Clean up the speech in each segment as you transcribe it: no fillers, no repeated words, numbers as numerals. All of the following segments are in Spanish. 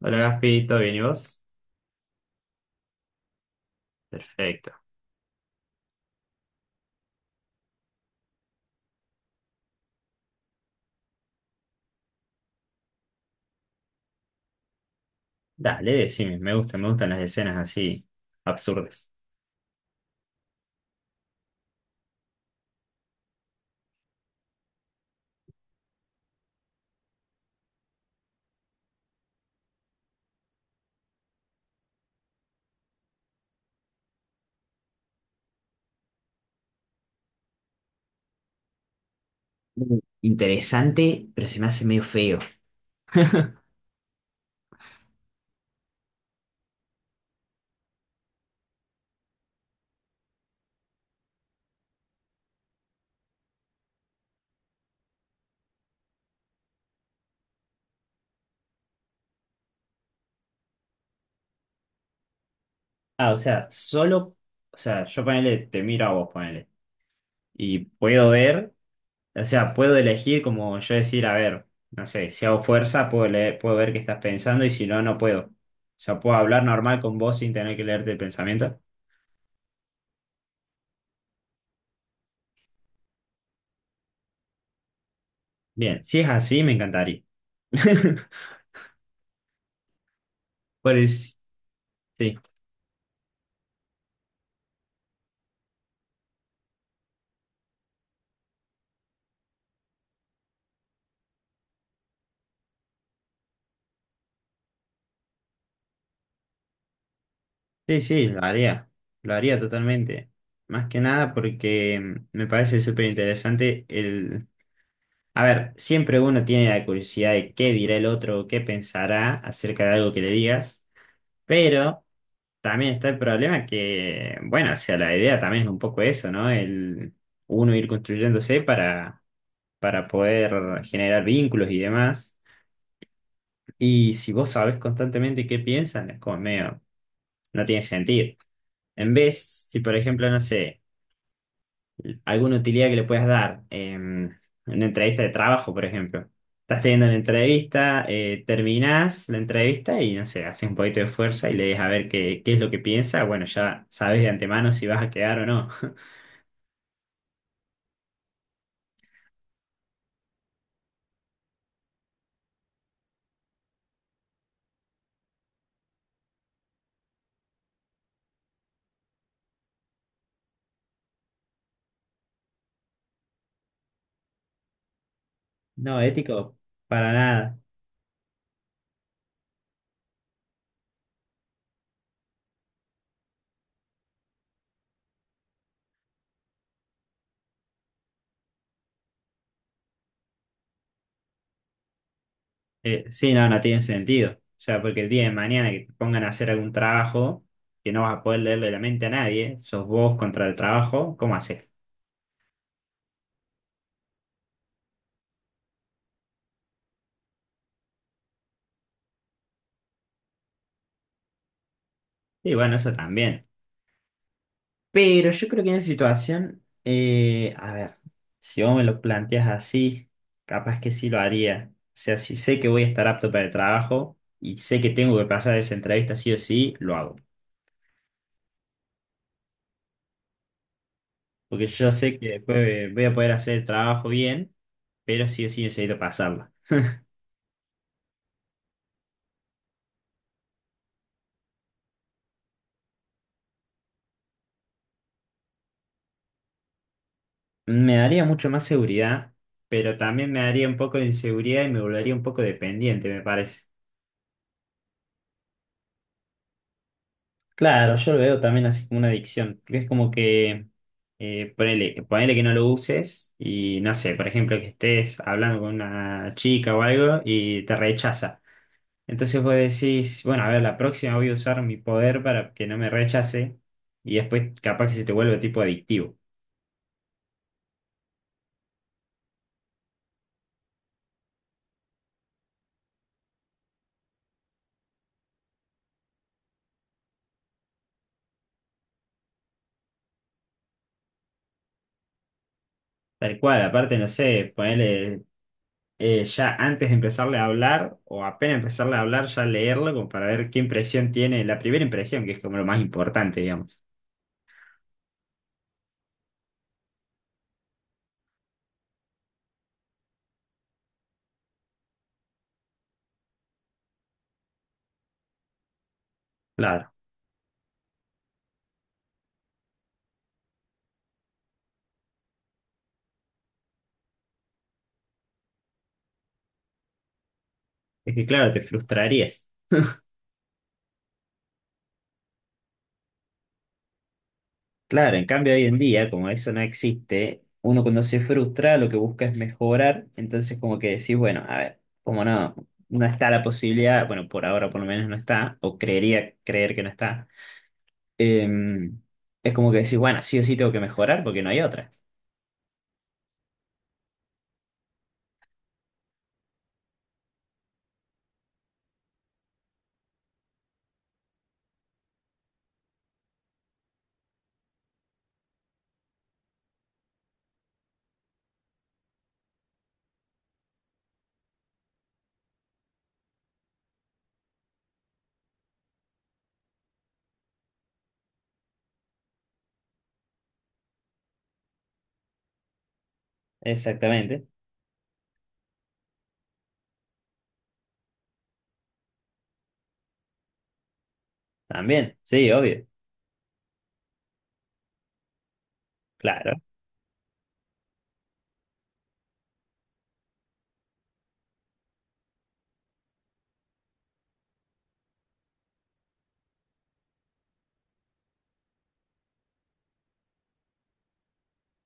Hola Gaspi, ¿todo bien y vos? Perfecto. Dale, decime, me gustan las escenas así absurdas. Interesante, pero se me hace medio feo. Ah, o sea, solo, o sea, yo ponele, te miro a vos, ponele. Y puedo ver, o sea, puedo elegir como yo decir, a ver, no sé, si hago fuerza, puedo leer, puedo ver qué estás pensando y si no, no puedo. O sea, puedo hablar normal con vos sin tener que leerte el pensamiento. Bien, si es así, me encantaría. Pues sí. Sí, sí, lo haría totalmente. Más que nada porque me parece súper interesante el… A ver, siempre uno tiene la curiosidad de qué dirá el otro, qué pensará acerca de algo que le digas, pero también está el problema que, bueno, o sea, la idea también es un poco eso, ¿no? El uno ir construyéndose para poder generar vínculos y demás. Y si vos sabés constantemente qué piensan, es como medio, no tiene sentido. En vez, si por ejemplo, no sé alguna utilidad que le puedas dar en una entrevista de trabajo, por ejemplo. Estás teniendo la entrevista, terminás la entrevista y no sé, haces un poquito de fuerza y le dejas a ver qué, qué es lo que piensa. Bueno, ya sabes de antemano si vas a quedar o no. No, ético, para nada. Sí, no, no tiene sentido. O sea, porque el día de mañana que te pongan a hacer algún trabajo que no vas a poder leerle la mente a nadie, sos vos contra el trabajo, ¿cómo haces? Y bueno, eso también. Pero yo creo que en esa situación, a ver, si vos me lo planteas así, capaz que sí lo haría. O sea, si sé que voy a estar apto para el trabajo y sé que tengo que pasar esa entrevista sí o sí, lo hago. Porque yo sé que después voy a poder hacer el trabajo bien, pero sí o sí necesito pasarla. Me daría mucho más seguridad, pero también me daría un poco de inseguridad y me volvería un poco dependiente, me parece. Claro, yo lo veo también así como una adicción, porque es como que ponele que no lo uses y no sé, por ejemplo, que estés hablando con una chica o algo y te rechaza. Entonces vos decís, bueno, a ver, la próxima voy a usar mi poder para que no me rechace y después capaz que se te vuelve tipo adictivo. Tal cual, aparte, no sé, ponele ya antes de empezarle a hablar o apenas empezarle a hablar, ya leerlo como para ver qué impresión tiene, la primera impresión, que es como lo más importante, digamos. Es que claro, te frustrarías. Claro, en cambio hoy en día, como eso no existe, uno cuando se frustra lo que busca es mejorar, entonces como que decís, bueno, a ver, como no, no está la posibilidad, bueno, por ahora por lo menos no está, o creería creer que no está, em, es como que decís, bueno, sí o sí tengo que mejorar porque no hay otra. Exactamente, también, sí, obvio, claro.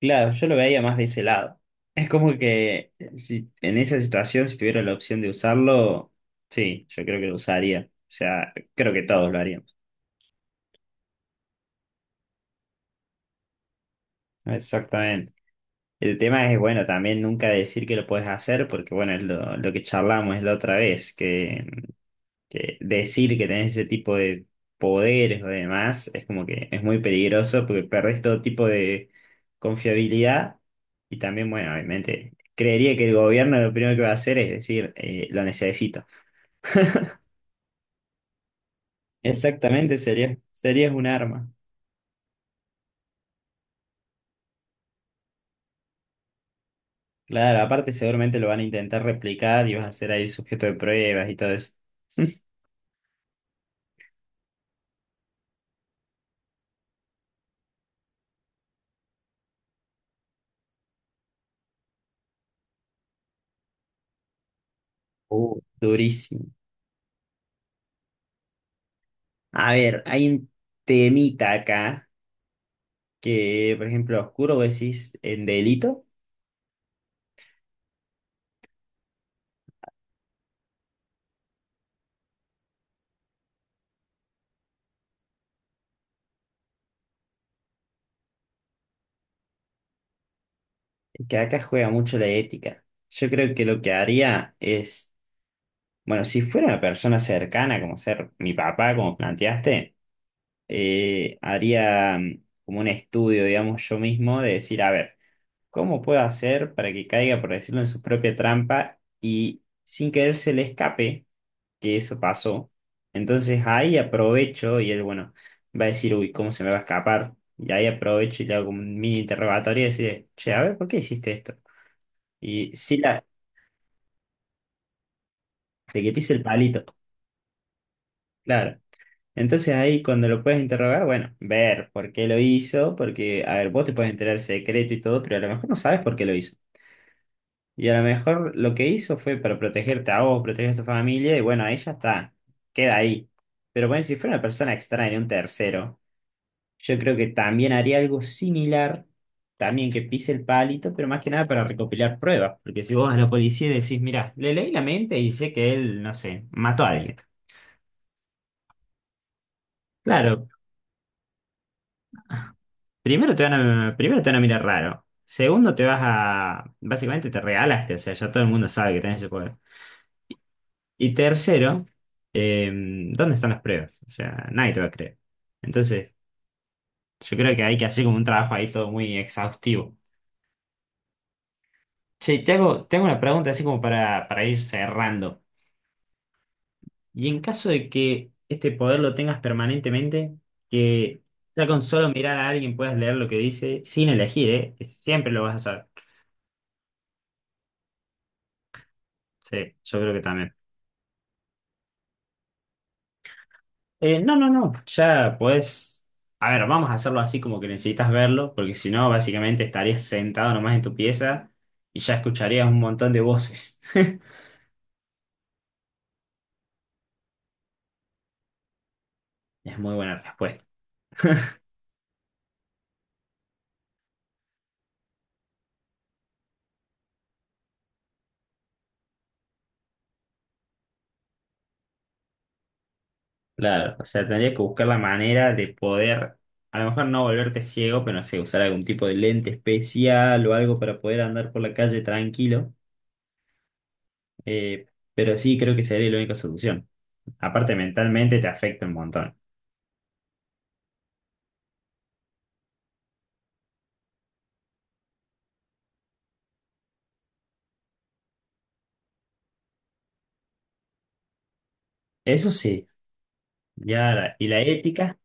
Claro, yo lo veía más de ese lado. Es como que si en esa situación, si tuviera la opción de usarlo, sí, yo creo que lo usaría. O sea, creo que todos lo haríamos. Exactamente. El tema es, bueno, también nunca decir que lo puedes hacer, porque bueno, es lo que charlamos la otra vez, que decir que tenés ese tipo de poderes o demás es como que es muy peligroso porque perdés todo tipo de confiabilidad y también, bueno, obviamente, creería que el gobierno lo primero que va a hacer es decir, lo necesito. Exactamente, sería, serías un arma. Claro, aparte seguramente lo van a intentar replicar y vas a ser ahí sujeto de pruebas y todo eso. Durísimo. A ver, hay un temita acá que, por ejemplo, oscuro vos decís en delito. Que acá juega mucho la ética. Yo creo que lo que haría es, bueno, si fuera una persona cercana, como ser mi papá, como planteaste, haría como un estudio, digamos, yo mismo, de decir, a ver, ¿cómo puedo hacer para que caiga, por decirlo, en su propia trampa y sin querer se le escape que eso pasó? Entonces ahí aprovecho y él, bueno, va a decir, uy, ¿cómo se me va a escapar? Y ahí aprovecho y le hago como un mini interrogatorio y decir, che, a ver, ¿por qué hiciste esto? Y sí, la, de que pise el palito, claro. Entonces ahí cuando lo puedes interrogar, bueno, ver por qué lo hizo, porque, a ver, vos te puedes enterar el secreto y todo, pero a lo mejor no sabes por qué lo hizo. Y a lo mejor lo que hizo fue para protegerte a vos, proteger a tu familia, y bueno, ahí ya está, queda ahí. Pero bueno, si fuera una persona extraña, un tercero, yo creo que también haría algo similar, también que pise el palito, pero más que nada para recopilar pruebas, porque si vos a la policía decís, mirá, le leí la mente y sé que él, no sé, mató a alguien. Claro, primero te van a, primero te van a mirar raro. Segundo, te vas a… Básicamente te regalaste, o sea, ya todo el mundo sabe que tenés ese poder. Y tercero, ¿dónde están las pruebas? O sea, nadie te va a creer. Entonces, yo creo que hay que hacer como un trabajo ahí todo muy exhaustivo. Che, y te hago una pregunta así como para ir cerrando. Y en caso de que este poder lo tengas permanentemente, que ya con solo mirar a alguien puedas leer lo que dice, sin elegir, ¿eh? Siempre lo vas a saber. Sí, yo creo que también. No, no, no, ya pues, a ver, vamos a hacerlo así como que necesitas verlo, porque si no, básicamente estarías sentado nomás en tu pieza y ya escucharías un montón de voces. Es muy buena respuesta. Claro, o sea, tendrías que buscar la manera de poder, a lo mejor no volverte ciego, pero no sé, usar algún tipo de lente especial o algo para poder andar por la calle tranquilo. Eh, pero sí, creo que sería la única solución. Aparte, mentalmente te afecta un montón. Eso sí, ya, la… ¿y la ética?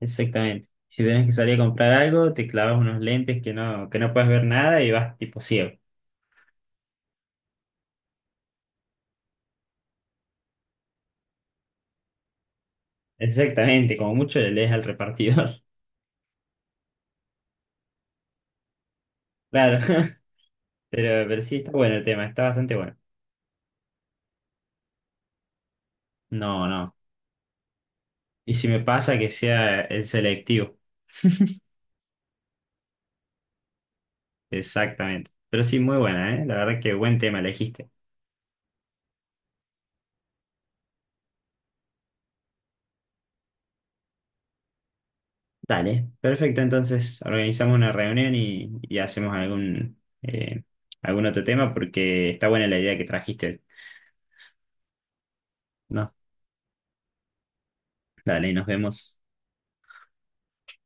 Exactamente. Si tenés que salir a comprar algo, te clavas unos lentes que no puedes ver nada y vas tipo ciego. Exactamente, como mucho le lees al repartidor. Claro, pero sí está bueno el tema, está bastante bueno. No, no. Y si me pasa que sea el selectivo. Exactamente. Pero sí, muy buena, ¿eh? La verdad que buen tema elegiste. Dale. Perfecto, entonces organizamos una reunión y hacemos algún, algún otro tema porque está buena la idea que trajiste. No, dale, nos vemos.